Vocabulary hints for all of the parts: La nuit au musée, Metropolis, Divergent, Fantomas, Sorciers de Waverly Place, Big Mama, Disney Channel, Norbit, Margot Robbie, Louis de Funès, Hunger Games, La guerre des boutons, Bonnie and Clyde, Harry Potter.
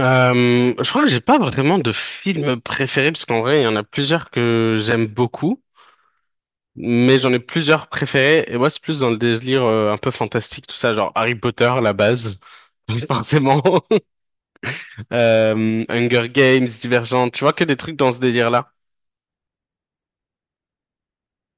Je crois que j'ai pas vraiment de film préféré parce qu'en vrai il y en a plusieurs que j'aime beaucoup, mais j'en ai plusieurs préférés et moi c'est plus dans le délire un peu fantastique tout ça genre Harry Potter la base forcément, Hunger Games, Divergent, tu vois que des trucs dans ce délire là.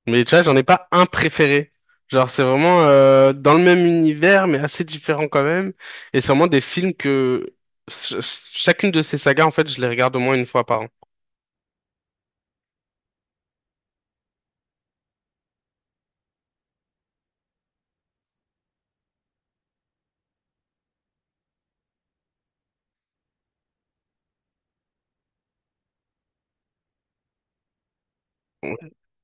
Mais tu vois j'en ai pas un préféré, genre c'est vraiment dans le même univers mais assez différent quand même et c'est vraiment des films que chacune de ces sagas en fait je les regarde au moins une fois par an.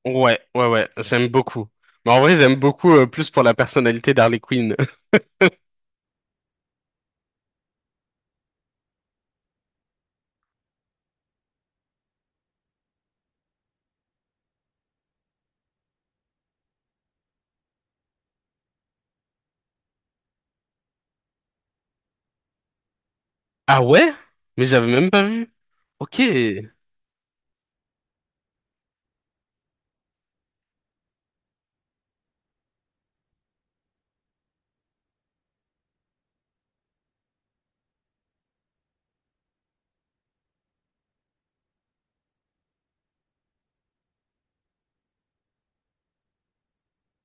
Ouais, ouais, ouais, j'aime beaucoup. Mais en vrai, j'aime beaucoup plus pour la personnalité d'Harley Quinn. Ah ouais? Mais j'avais même pas vu. Ok.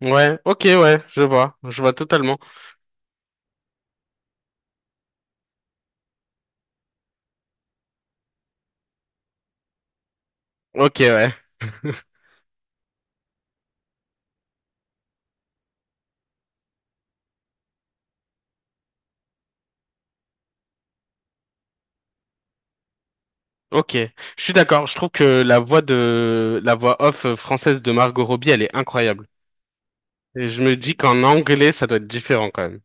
Ouais, ok, ouais, je vois totalement. Ok, ouais, ok. Je suis d'accord, je trouve que la voix de la voix off française de Margot Robbie, elle est incroyable. Et je me dis qu'en anglais, ça doit être différent quand même.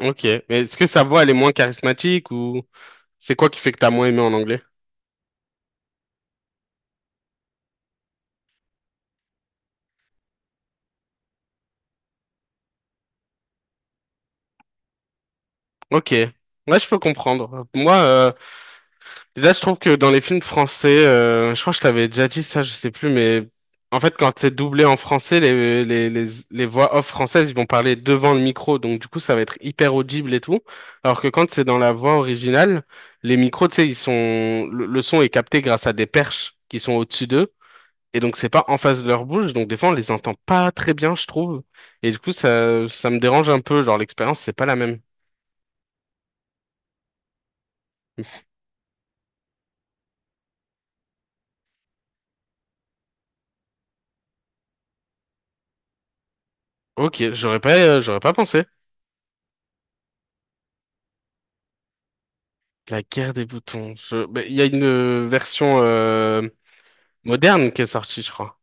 Ok, mais est-ce que sa voix, elle est moins charismatique ou c'est quoi qui fait que t'as moins aimé en anglais? Ok, ouais, je peux comprendre. Moi, déjà, je trouve que dans les films français, je crois que je t'avais déjà dit ça, je sais plus, mais en fait, quand c'est doublé en français, les voix off françaises, ils vont parler devant le micro, donc du coup, ça va être hyper audible et tout. Alors que quand c'est dans la voix originale, les micros, tu sais, ils sont, le son est capté grâce à des perches qui sont au-dessus d'eux, et donc c'est pas en face de leur bouche, donc des fois, on les entend pas très bien, je trouve. Et du coup, ça me dérange un peu, genre l'expérience, c'est pas la même. Ok, j'aurais pas pensé. La guerre des boutons. Je... ben, il y a une version moderne qui est sortie, je crois.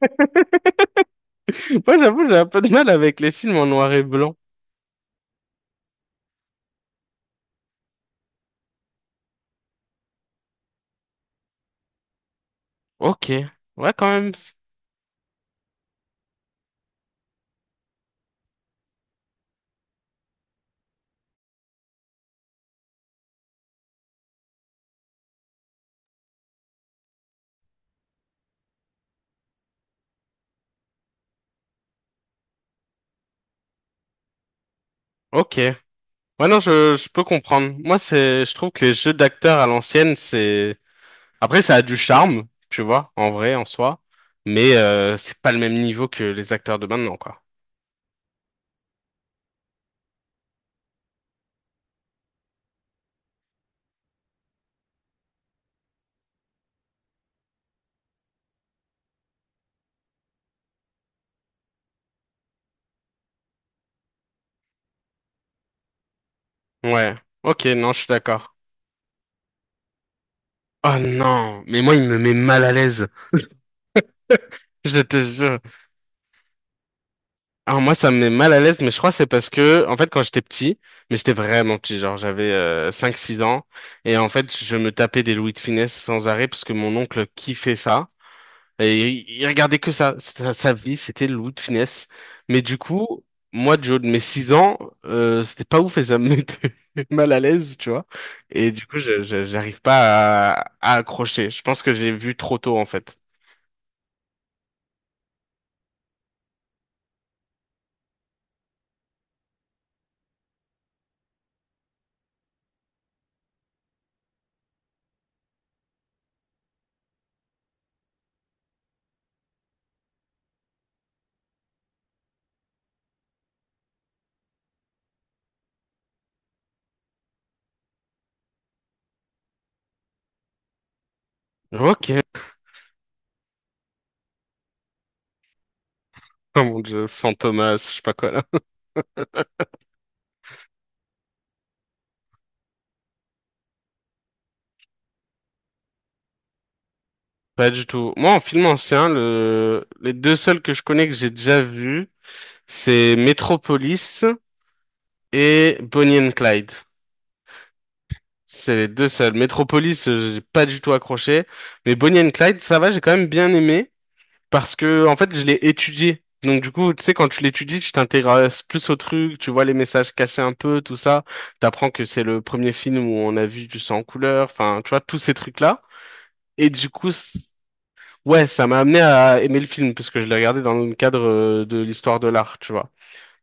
Moi, j'avoue, j'ai un peu de mal avec les films en noir et blanc. Ok. Ouais, quand même. Ok. Ouais, non, je peux comprendre. Moi, c'est, je trouve que les jeux d'acteurs à l'ancienne, c'est... Après, ça a du charme, tu vois, en vrai, en soi. Mais c'est pas le même niveau que les acteurs de maintenant, quoi. Ouais. Ok, non, je suis d'accord. Oh non, mais moi, il me met mal à l'aise. Je te jure. Alors moi, ça me met mal à l'aise, mais je crois que c'est parce que, en fait, quand j'étais petit, mais j'étais vraiment petit, genre j'avais 5-6 ans, et en fait, je me tapais des Louis de Funès sans arrêt parce que mon oncle kiffait ça, et il regardait que ça, sa vie, c'était le Louis de Funès. Mais du coup, moi, Joe, de mes 6 ans, c'était pas ouf et ça me mettait mal à l'aise, tu vois. Et du coup, j'arrive pas à, à accrocher. Je pense que j'ai vu trop tôt, en fait. Ok, oh mon Dieu, Fantomas, je sais pas quoi. Pas du tout. Moi, en film ancien, le... les deux seuls que je connais que j'ai déjà vus, c'est Metropolis et Bonnie and Clyde. C'est les deux seuls. Metropolis, j'ai pas du tout accroché. Mais Bonnie and Clyde, ça va, j'ai quand même bien aimé. Parce que, en fait, je l'ai étudié. Donc, du coup, tu sais, quand tu l'étudies, tu t'intéresses plus au truc, tu vois les messages cachés un peu, tout ça. T'apprends que c'est le premier film où on a vu du sang en couleur. Enfin, tu vois, tous ces trucs-là. Et du coup, ouais, ça m'a amené à aimer le film parce que je l'ai regardé dans le cadre de l'histoire de l'art, tu vois.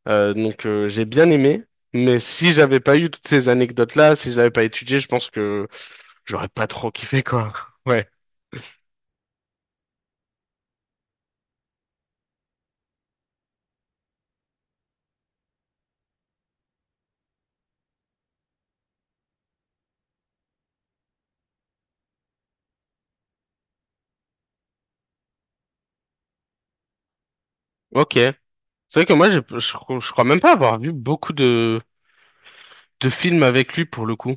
Donc j'ai bien aimé, mais si j'avais pas eu toutes ces anecdotes-là, si je l'avais pas étudié, je pense que j'aurais pas trop kiffé quoi. Ouais. Ok. C'est vrai que moi, je crois même pas avoir vu beaucoup de films avec lui pour le coup.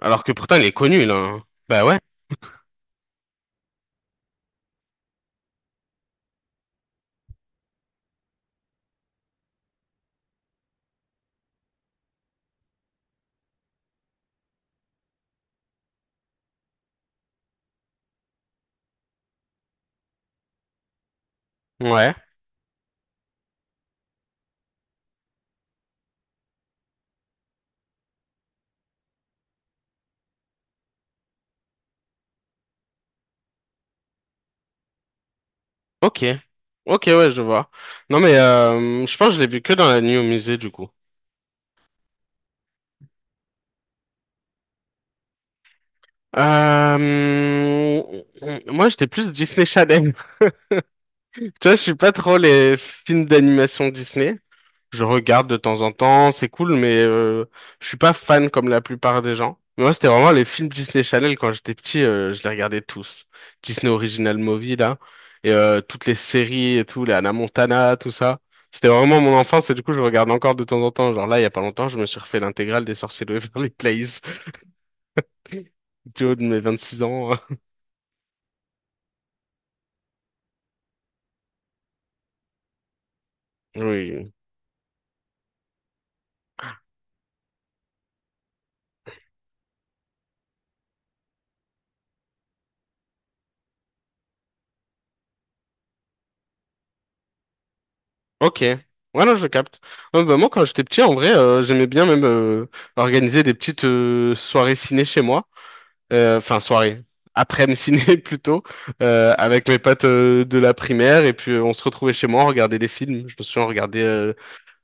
Alors que pourtant il est connu là, hein. Bah ouais. Ouais. Ok. Ok, ouais, je vois. Non mais je pense que je l'ai vu que dans la nuit au musée du coup. Euh, moi, j'étais plus Disney Channel. Tu vois, je suis pas trop les films d'animation Disney. Je regarde de temps en temps, c'est cool, mais je suis pas fan comme la plupart des gens. Mais moi, c'était vraiment les films Disney Channel quand j'étais petit, je les regardais tous. Disney Original Movie là, et toutes les séries et tout, les Hannah Montana, tout ça. C'était vraiment mon enfance et du coup, je regarde encore de temps en temps. Genre là, il y a pas longtemps, je me suis refait l'intégrale des Sorciers de Waverly Place. Du haut de mes 26 ans. Oui. Ok. Ouais, non, je capte. Ouais, bah, moi, quand j'étais petit, en vrai, j'aimais bien même organiser des petites soirées ciné chez moi. Enfin, soirée. Après-midi ciné, plutôt. Avec mes potes de la primaire. Et puis, on se retrouvait chez moi, on regardait des films. Je me souviens, on regardait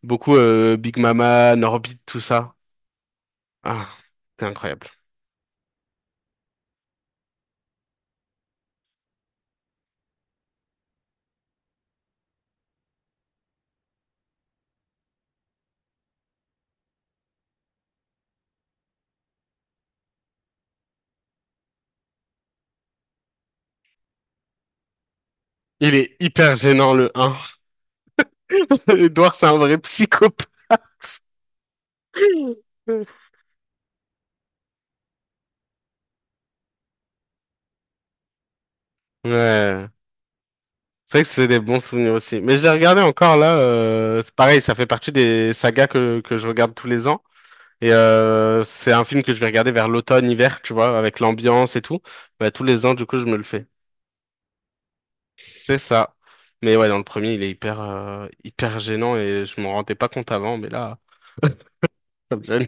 beaucoup Big Mama, Norbit, tout ça. Ah, c'est incroyable. Il est hyper gênant, le 1. Edouard, c'est un vrai psychopathe. Ouais. C'est vrai que c'est des bons souvenirs aussi. Mais je l'ai regardé encore là, c'est pareil, ça fait partie des sagas que je regarde tous les ans. Et c'est un film que je vais regarder vers l'automne, hiver, tu vois, avec l'ambiance et tout. Bah, tous les ans, du coup, je me le fais. C'est ça. Mais ouais, dans le premier, il est hyper, hyper gênant et je m'en rendais pas compte avant, mais là, ça me gêne.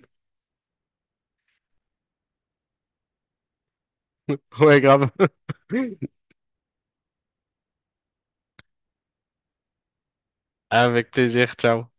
Ouais, grave. Avec plaisir, ciao.